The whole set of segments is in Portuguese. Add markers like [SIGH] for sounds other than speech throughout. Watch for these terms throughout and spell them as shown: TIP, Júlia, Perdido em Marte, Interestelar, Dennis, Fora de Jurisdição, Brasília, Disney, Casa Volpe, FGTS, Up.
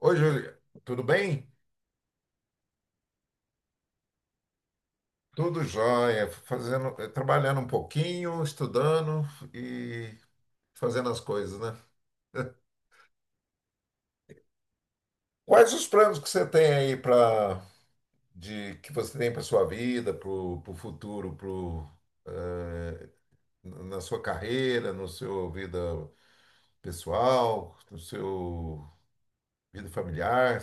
Oi, Júlia, tudo bem? Tudo jóia, fazendo, trabalhando um pouquinho, estudando e fazendo as coisas, né? [LAUGHS] Quais os planos que você tem aí para de que você tem para sua vida, para o futuro, eh, na sua carreira, no seu vida pessoal, no seu vida familiar?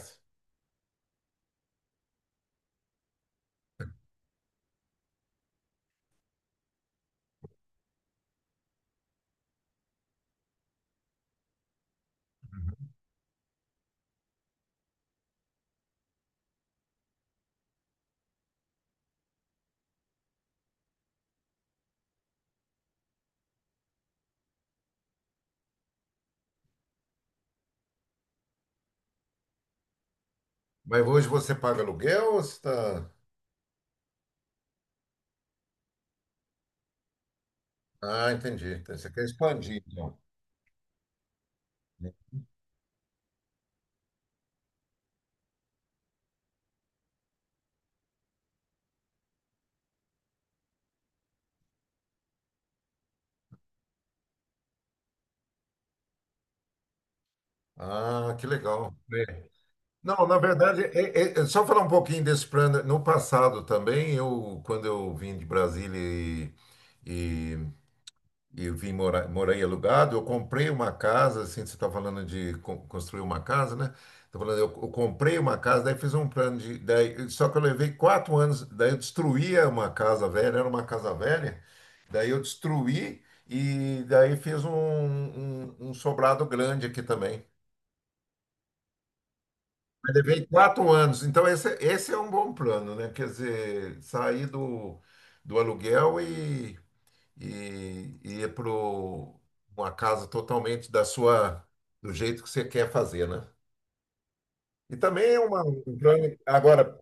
Mas hoje você paga aluguel ou você está... Ah, entendi. Então, você quer expandir, então. Ah, que legal. É. Não, na verdade, é só falar um pouquinho desse plano. No passado também, quando eu vim de Brasília e, e, e, vim morar, morei alugado, eu comprei uma casa, assim, você está falando de construir uma casa, né? Tá falando, eu comprei uma casa, daí fiz um plano de... Daí, só que eu levei quatro anos, daí eu destruía uma casa velha, era uma casa velha, daí eu destruí e daí fiz um sobrado grande aqui também. Mas levei quatro anos, então esse é um bom plano, né? Quer dizer, sair do aluguel e ir para uma casa totalmente da sua, do jeito que você quer fazer, né? E também é uma, um plano. Agora,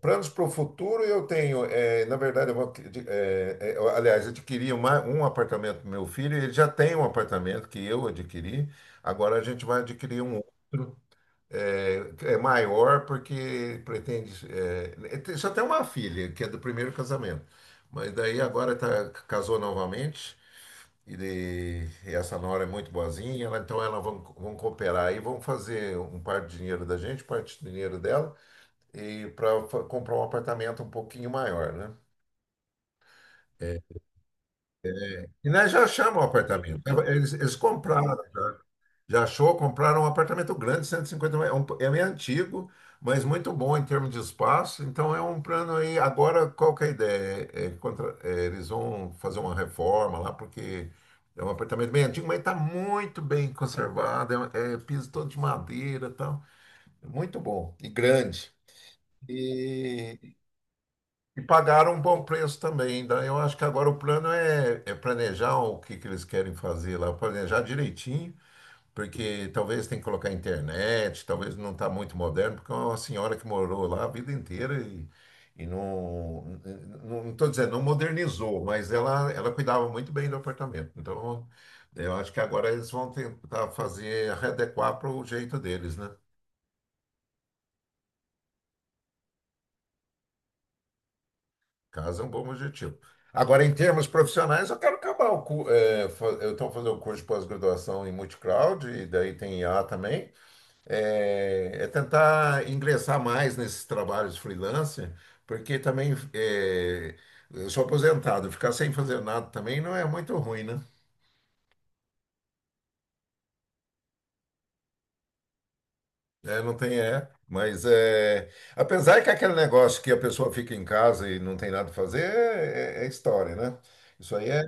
planos para o futuro eu tenho. É na verdade, eu vou, adqui- eh, eh, eu, aliás, adquiri uma, um apartamento para meu filho, ele já tem um apartamento que eu adquiri, agora a gente vai adquirir um outro. É, é maior porque pretende. Só tem uma filha, que é do primeiro casamento. Mas daí agora tá, casou novamente. E essa nora é muito boazinha, então elas vão cooperar e vão fazer um parte de dinheiro da gente, parte do dinheiro dela, e para comprar um apartamento um pouquinho maior, né? E nós já achamos o apartamento. Eles compraram. Já achou? Compraram um apartamento grande, 150 metros. É meio antigo, mas muito bom em termos de espaço. Então é um plano aí. Agora, qual que é a ideia? Eles vão fazer uma reforma lá, porque é um apartamento bem antigo, mas está muito bem conservado. É piso todo de madeira e tal. É muito bom e grande. E, e pagaram um bom preço também. Daí eu acho que agora o plano é, planejar o que, que eles querem fazer lá, planejar direitinho porque talvez tem que colocar internet, talvez não está muito moderno, porque é uma senhora que morou lá a vida inteira e não. Não estou dizendo, não modernizou, mas ela cuidava muito bem do apartamento. Então, eu acho que agora eles vão tentar fazer, readequar para o jeito deles, né? Caso é um bom objetivo. Agora, em termos profissionais, eu quero acabar o cu, eh, fa- eu estou fazendo o curso de pós-graduação em multicloud, e daí tem IA também. É tentar ingressar mais nesses trabalhos freelance, porque também eu sou aposentado, ficar sem fazer nada também não é muito ruim, né? É, não tem é, mas é, apesar que aquele negócio que a pessoa fica em casa e não tem nada a fazer é história, né? Isso aí é.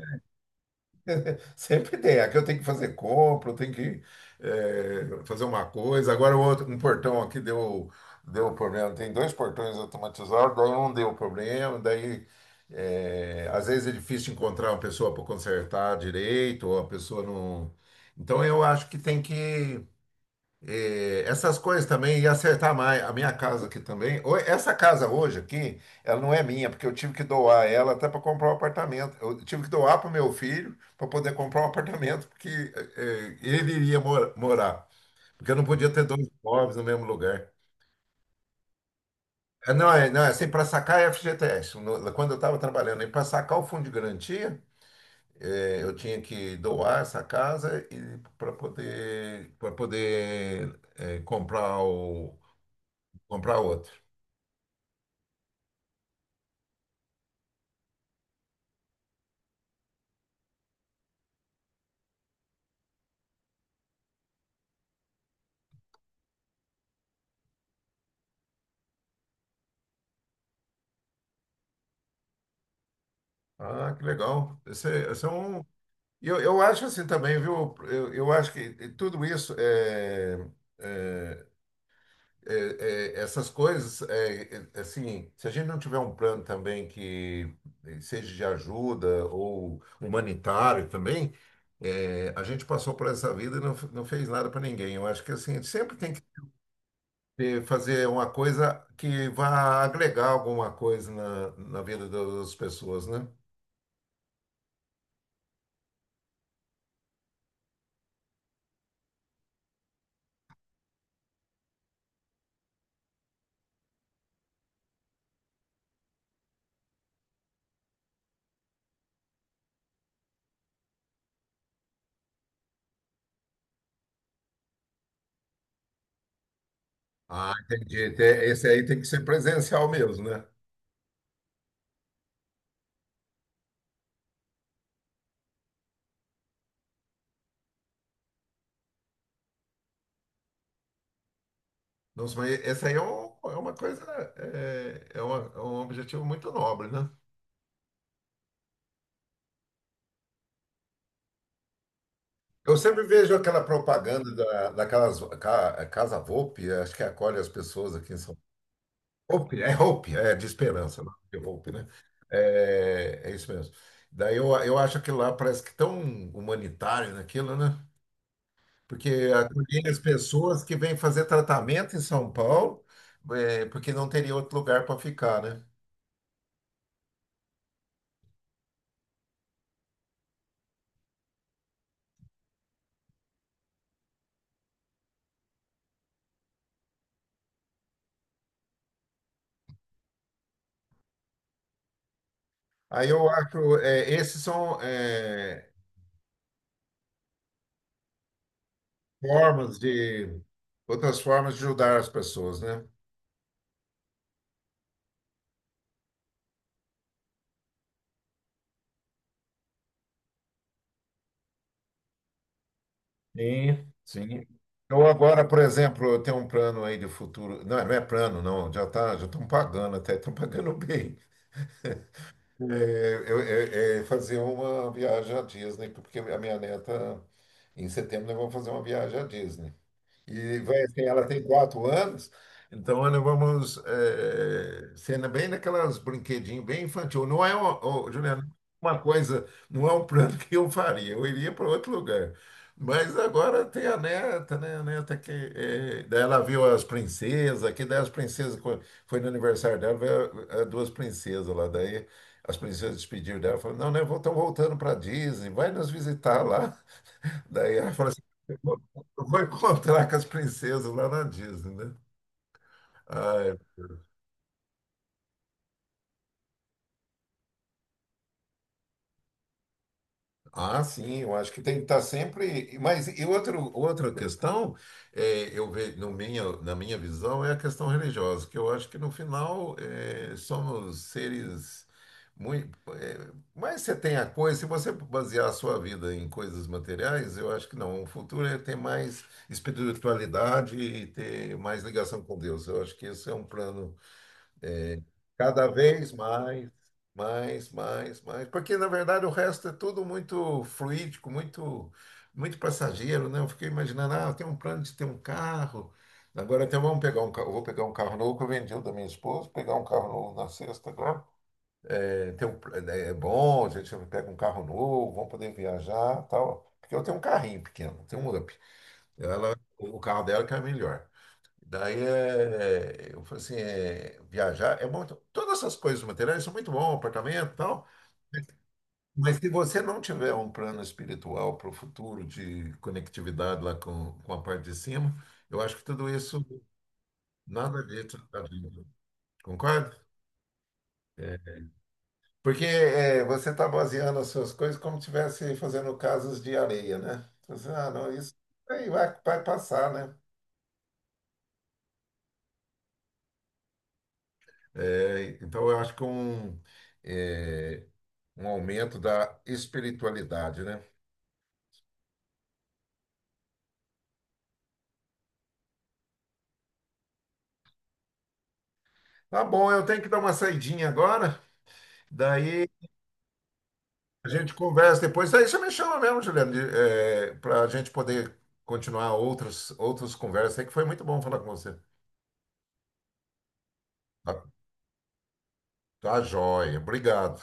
Sempre tem. Aqui eu tenho que fazer compra, eu tenho que fazer uma coisa. Agora o outro, um portão aqui deu problema. Tem dois portões automatizados, daí um deu problema, daí às vezes é difícil encontrar uma pessoa para consertar direito, ou a pessoa não. Então eu acho que tem que essas coisas também e acertar mais. A minha casa aqui também. Essa casa hoje aqui, ela não é minha, porque eu tive que doar ela até para comprar um apartamento. Eu tive que doar para o meu filho para poder comprar um apartamento, porque ele iria morar. Porque eu não podia ter dois imóveis no mesmo lugar. Ah, não, é, não, é assim, para sacar é FGTS. Quando eu estava trabalhando, e para sacar o fundo de garantia, eu tinha que doar essa casa e para poder comprar outro. Ah, que legal. Esse é um... E eu acho assim também, viu? Eu acho que tudo isso, é, é, essas coisas, assim, se a gente não tiver um plano também que seja de ajuda ou humanitário também, a gente passou por essa vida e não, não fez nada para ninguém. Eu acho que assim, sempre tem que fazer uma coisa que vá agregar alguma coisa na vida das pessoas, né? Ah, entendi. Esse aí tem que ser presencial mesmo, né? Nossa, mas esse aí é, é uma coisa, é um objetivo muito nobre, né? Eu sempre vejo aquela propaganda da, daquelas Casa Volpe, acho que acolhe as pessoas aqui em São Paulo. Volpe, é de esperança, não é Volpe, né? É isso mesmo. Daí eu acho que lá parece que tão humanitário naquilo, né? Porque acolher as pessoas que vêm fazer tratamento em São Paulo, porque não teria outro lugar para ficar, né? Aí eu acho, esses são formas de outras formas de ajudar as pessoas, né? Sim, sim. Eu agora, por exemplo, eu tenho um plano aí de futuro. Não, não é plano, não. Já tá, já estão pagando até, estão pagando bem. É, é fazer uma viagem à Disney, porque a minha neta, em setembro, nós vamos fazer uma viagem à Disney. E vai assim, ela tem quatro anos, então nós vamos sendo bem naquelas brinquedinhos bem infantil. Não é uma, ô, Juliana, uma coisa, não é um plano [LAUGHS] que eu faria, eu iria para outro lugar. Mas agora tem a neta, né? A neta que daí ela viu as princesas, que daí as princesas, quando foi no aniversário dela, veio as duas princesas lá. Daí as princesas despediram dela, falaram, não, né? Estão voltando para Disney, vai nos visitar lá. Daí ela falou assim, eu vou eu vou encontrar com as princesas lá na Disney, né? Ah, ah, sim, eu acho que tem que estar sempre. Mas e outro, outra questão, eu vejo no minha, na minha visão, é a questão religiosa, que eu acho que no final somos seres muito. Mas você tem a coisa, se você basear a sua vida em coisas materiais, eu acho que não. O futuro é ter mais espiritualidade e ter mais ligação com Deus. Eu acho que esse é um plano. Cada vez mais, mais, mais, mais. Porque, na verdade, o resto é tudo muito fluídico, muito, muito passageiro, né? Eu fiquei imaginando, ah, eu tenho um plano de ter um carro. Agora até vamos pegar um carro, vou pegar um carro novo que eu vendi o da minha esposa, pegar um carro novo na sexta agora. É, tem um, é bom, a gente pega um carro novo, vamos poder viajar, tal. Porque eu tenho um carrinho pequeno, tenho um Up. Ela, o carro dela que é melhor. Daí eu falei assim, viajar é bom, todas essas coisas materiais são muito bom, apartamento e tal, mas se você não tiver um plano espiritual para o futuro de conectividade lá com, a parte de cima, eu acho que tudo isso nada disso ajuda. Concorda? É. Porque você está baseando as suas coisas como se estivesse fazendo casas de areia, né? Você, ah, não, isso aí vai passar, né? É, então, eu acho que é é, um aumento da espiritualidade, né? Tá bom, eu tenho que dar uma saidinha agora, daí a gente conversa depois. Daí você me chama mesmo, Juliano, para a gente poder continuar outras conversas aí, que foi muito bom falar com você. Tá, tá joia, obrigado.